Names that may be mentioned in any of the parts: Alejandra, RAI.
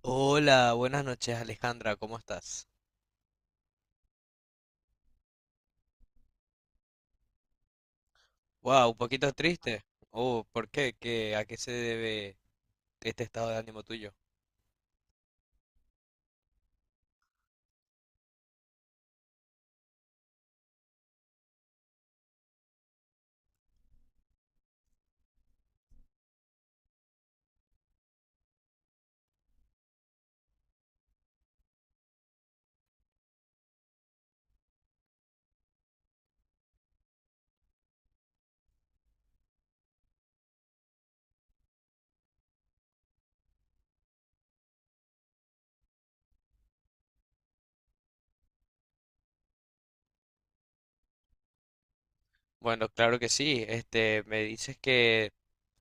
Hola, buenas noches Alejandra, ¿cómo estás? Wow, un poquito triste. Oh, ¿por qué? ¿¿A qué se debe este estado de ánimo tuyo? Bueno, claro que sí. Este, me dices que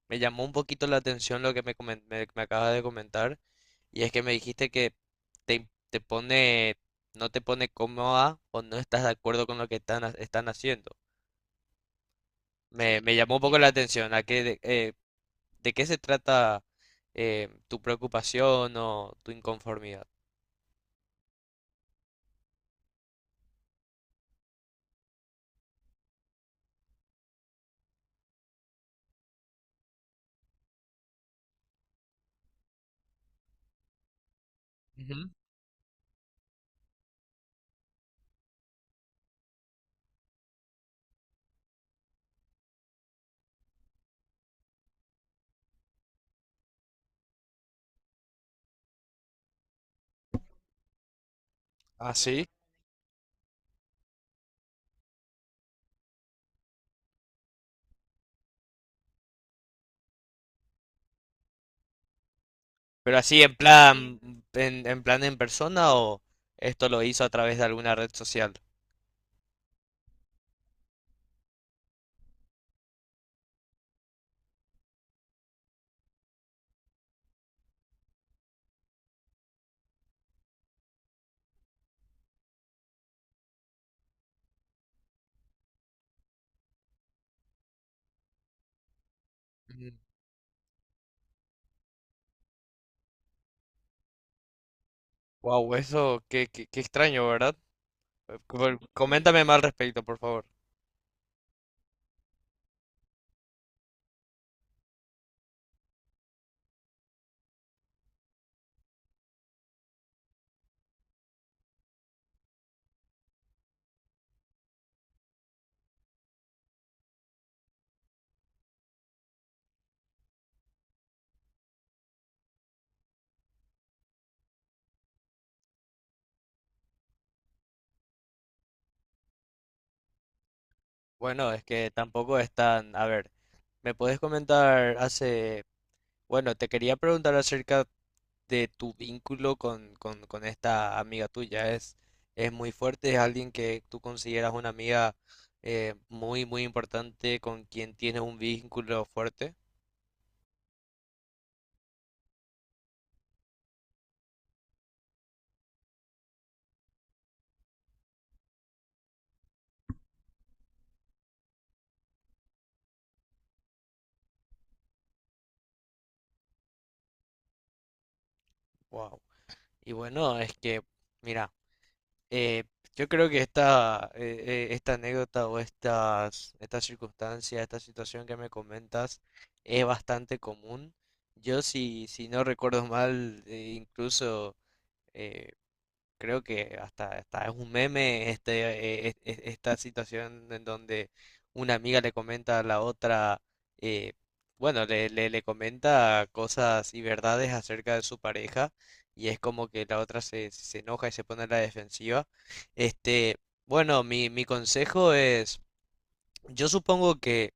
me llamó un poquito la atención lo que me acabas de comentar y es que me dijiste que te pone, no te pone cómoda o no estás de acuerdo con lo que están haciendo. Me llamó un poco la atención. ¿¿De qué se trata tu preocupación o tu inconformidad? Ujú. Ah, sí. Pero así en plan, en plan en persona o esto lo hizo a través de alguna red social. Wow, eso, qué extraño, ¿verdad? Coméntame más al respecto, por favor. Bueno, es que tampoco es tan... A ver, ¿me puedes comentar hace... Bueno, te quería preguntar acerca de tu vínculo con esta amiga tuya. Es muy fuerte, es alguien que tú consideras una amiga muy importante, con quien tienes un vínculo fuerte. Wow. Y bueno, mira, eh, yo creo que esta anécdota o esta circunstancia, esta situación que me comentas es bastante común. Yo si no recuerdo mal, incluso eh, creo que hasta es un meme este, esta situación en donde una amiga le comenta a la otra, eh, bueno, le comenta cosas y verdades acerca de su pareja y es como que la otra se enoja y se pone a la defensiva. Este, bueno, mi consejo es, yo supongo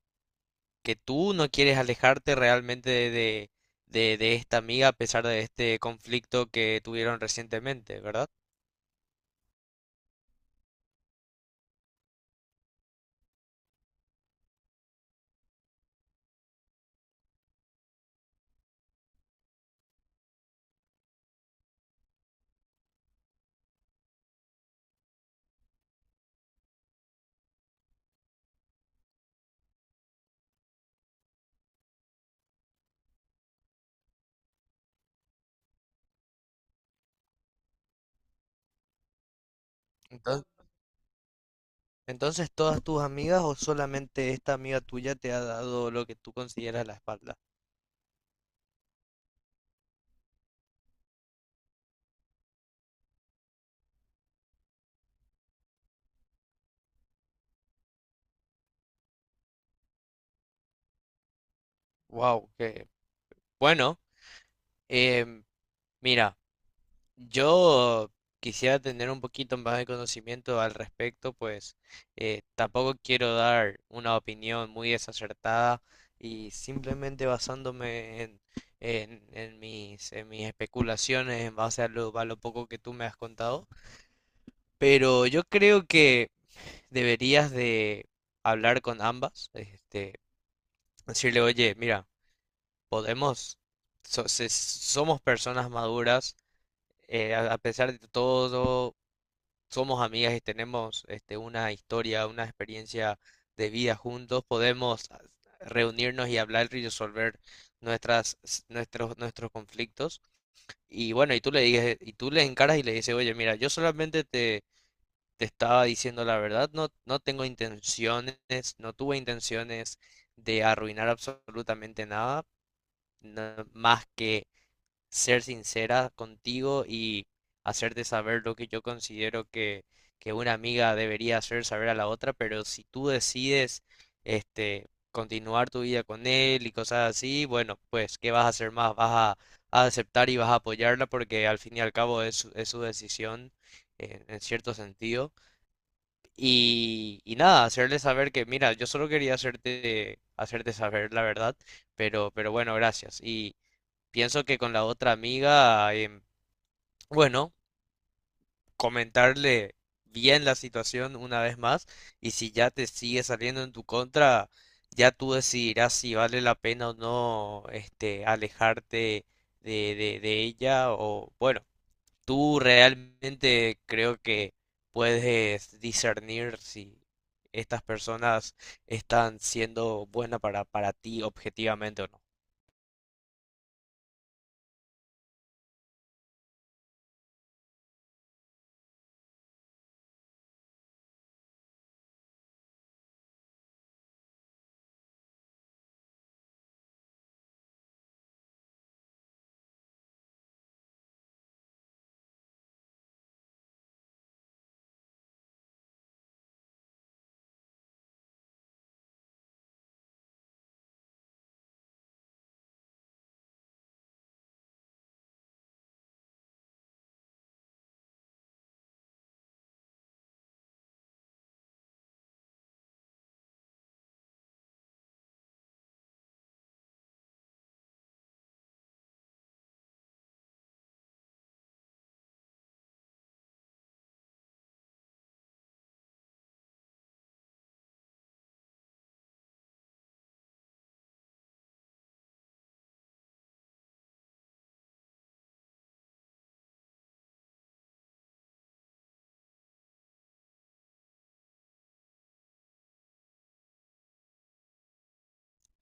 que tú no quieres alejarte realmente de esta amiga a pesar de este conflicto que tuvieron recientemente, ¿verdad? Entonces, Entonces, ¿todas tus amigas o solamente esta amiga tuya te ha dado lo que tú consideras la espalda? Wow, que bueno. Em, mira, yo quisiera tener un poquito más de conocimiento al respecto, pues tampoco quiero dar una opinión muy desacertada y simplemente basándome en mis especulaciones en base a lo poco que tú me has contado. Pero yo creo que deberías de hablar con ambas, este, decirle, oye, mira, podemos, somos personas maduras, a pesar de todo, somos amigas y tenemos este, una historia, una experiencia de vida juntos, podemos ah, reunirnos y hablar y resolver nuestros conflictos. Y bueno, y tú le dices, y tú le encaras y le dices, oye, mira, yo solamente te estaba diciendo la verdad, no, no tengo intenciones, no tuve intenciones de arruinar absolutamente nada, no- más que ser sincera contigo y hacerte saber lo que yo considero que una amiga debería hacer saber a la otra, pero si tú decides este continuar tu vida con él y cosas así, bueno, pues ¿qué vas a hacer más? Vas a, a aceptar y vas a apoyarla porque al fin y al cabo es su decisión en cierto sentido. Y nada, hacerle saber que, mira, yo solo quería hacerte saber la verdad, pero bueno, gracias. Y pienso que con la otra amiga, em, bueno, comentarle bien la situación una vez más, y si ya te sigue saliendo en tu contra, ya tú decidirás si vale la pena o no, este, alejarte de ella, o bueno, tú realmente creo que puedes discernir si estas personas están siendo buenas para ti objetivamente o no.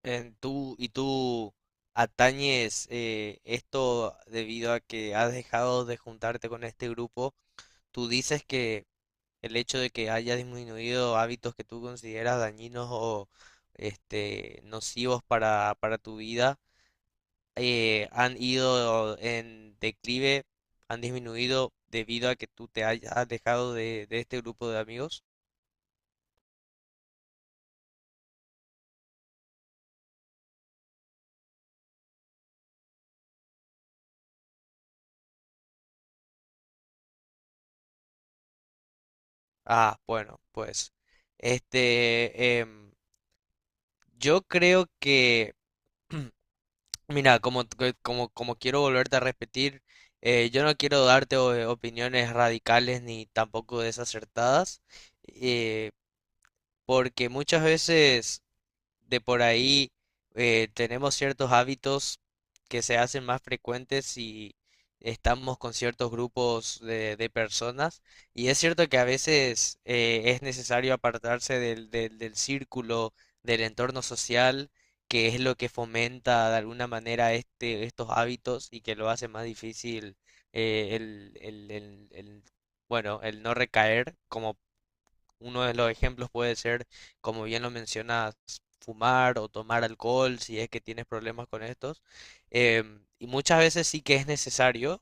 En tú, y tú atañes esto debido a que has dejado de juntarte con este grupo. Tú dices que el hecho de que haya disminuido hábitos que tú consideras dañinos o este, nocivos para tu vida han ido en declive, ¿han disminuido debido a que tú te hayas alejado de este grupo de amigos? Ah, bueno, pues, este, em, yo creo que, mira, como quiero volverte a repetir, yo no quiero darte opiniones radicales ni tampoco desacertadas, eh, porque muchas veces de por ahí tenemos ciertos hábitos que se hacen más frecuentes si estamos con ciertos grupos de personas. Y es cierto que a veces es necesario apartarse del círculo, del entorno social, que es lo que fomenta de alguna manera este, estos hábitos y que lo hace más difícil el, bueno, el no recaer como uno de los ejemplos puede ser, como bien lo mencionas, fumar o tomar alcohol si es que tienes problemas con estos. Em, y muchas veces sí que es necesario,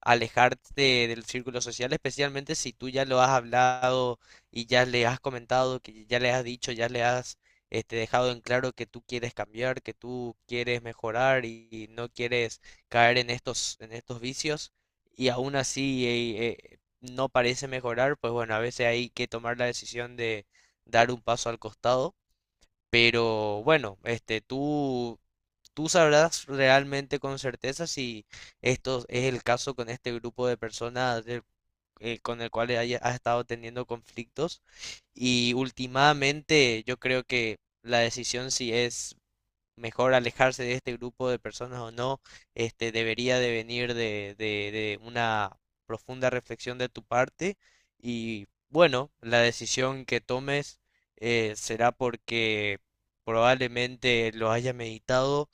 alejarte del círculo social, especialmente si tú ya lo has hablado y ya le has comentado, que ya le has dicho, ya le has este, dejado en claro que tú quieres cambiar, que tú quieres mejorar y no quieres caer en estos vicios y aún así no parece mejorar, pues bueno, a veces hay que tomar la decisión de dar un paso al costado. Pero bueno, este, tú sabrás realmente con certeza si esto es el caso con este grupo de personas, con el cual has estado teniendo conflictos. Y últimamente yo creo que la decisión si es mejor alejarse de este grupo de personas o no, este, debería de venir de una profunda reflexión de tu parte y bueno, la decisión que tomes será porque probablemente lo hayas meditado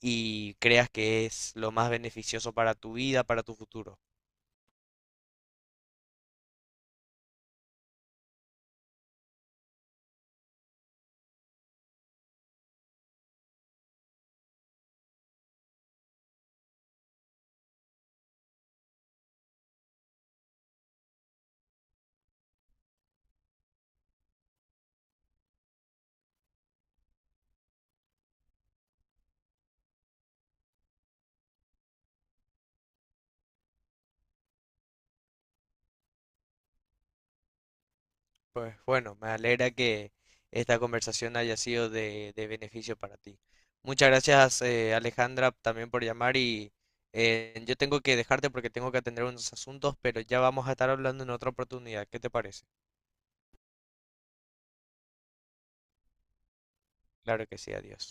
y creas que es lo más beneficioso para tu vida, para tu futuro. Pues bueno, me alegra que esta conversación haya sido de beneficio para ti. Muchas gracias, Alejandra, también por llamar y yo tengo que dejarte porque tengo que atender unos asuntos, pero ya vamos a estar hablando en otra oportunidad. ¿Qué te parece? Claro que sí, adiós.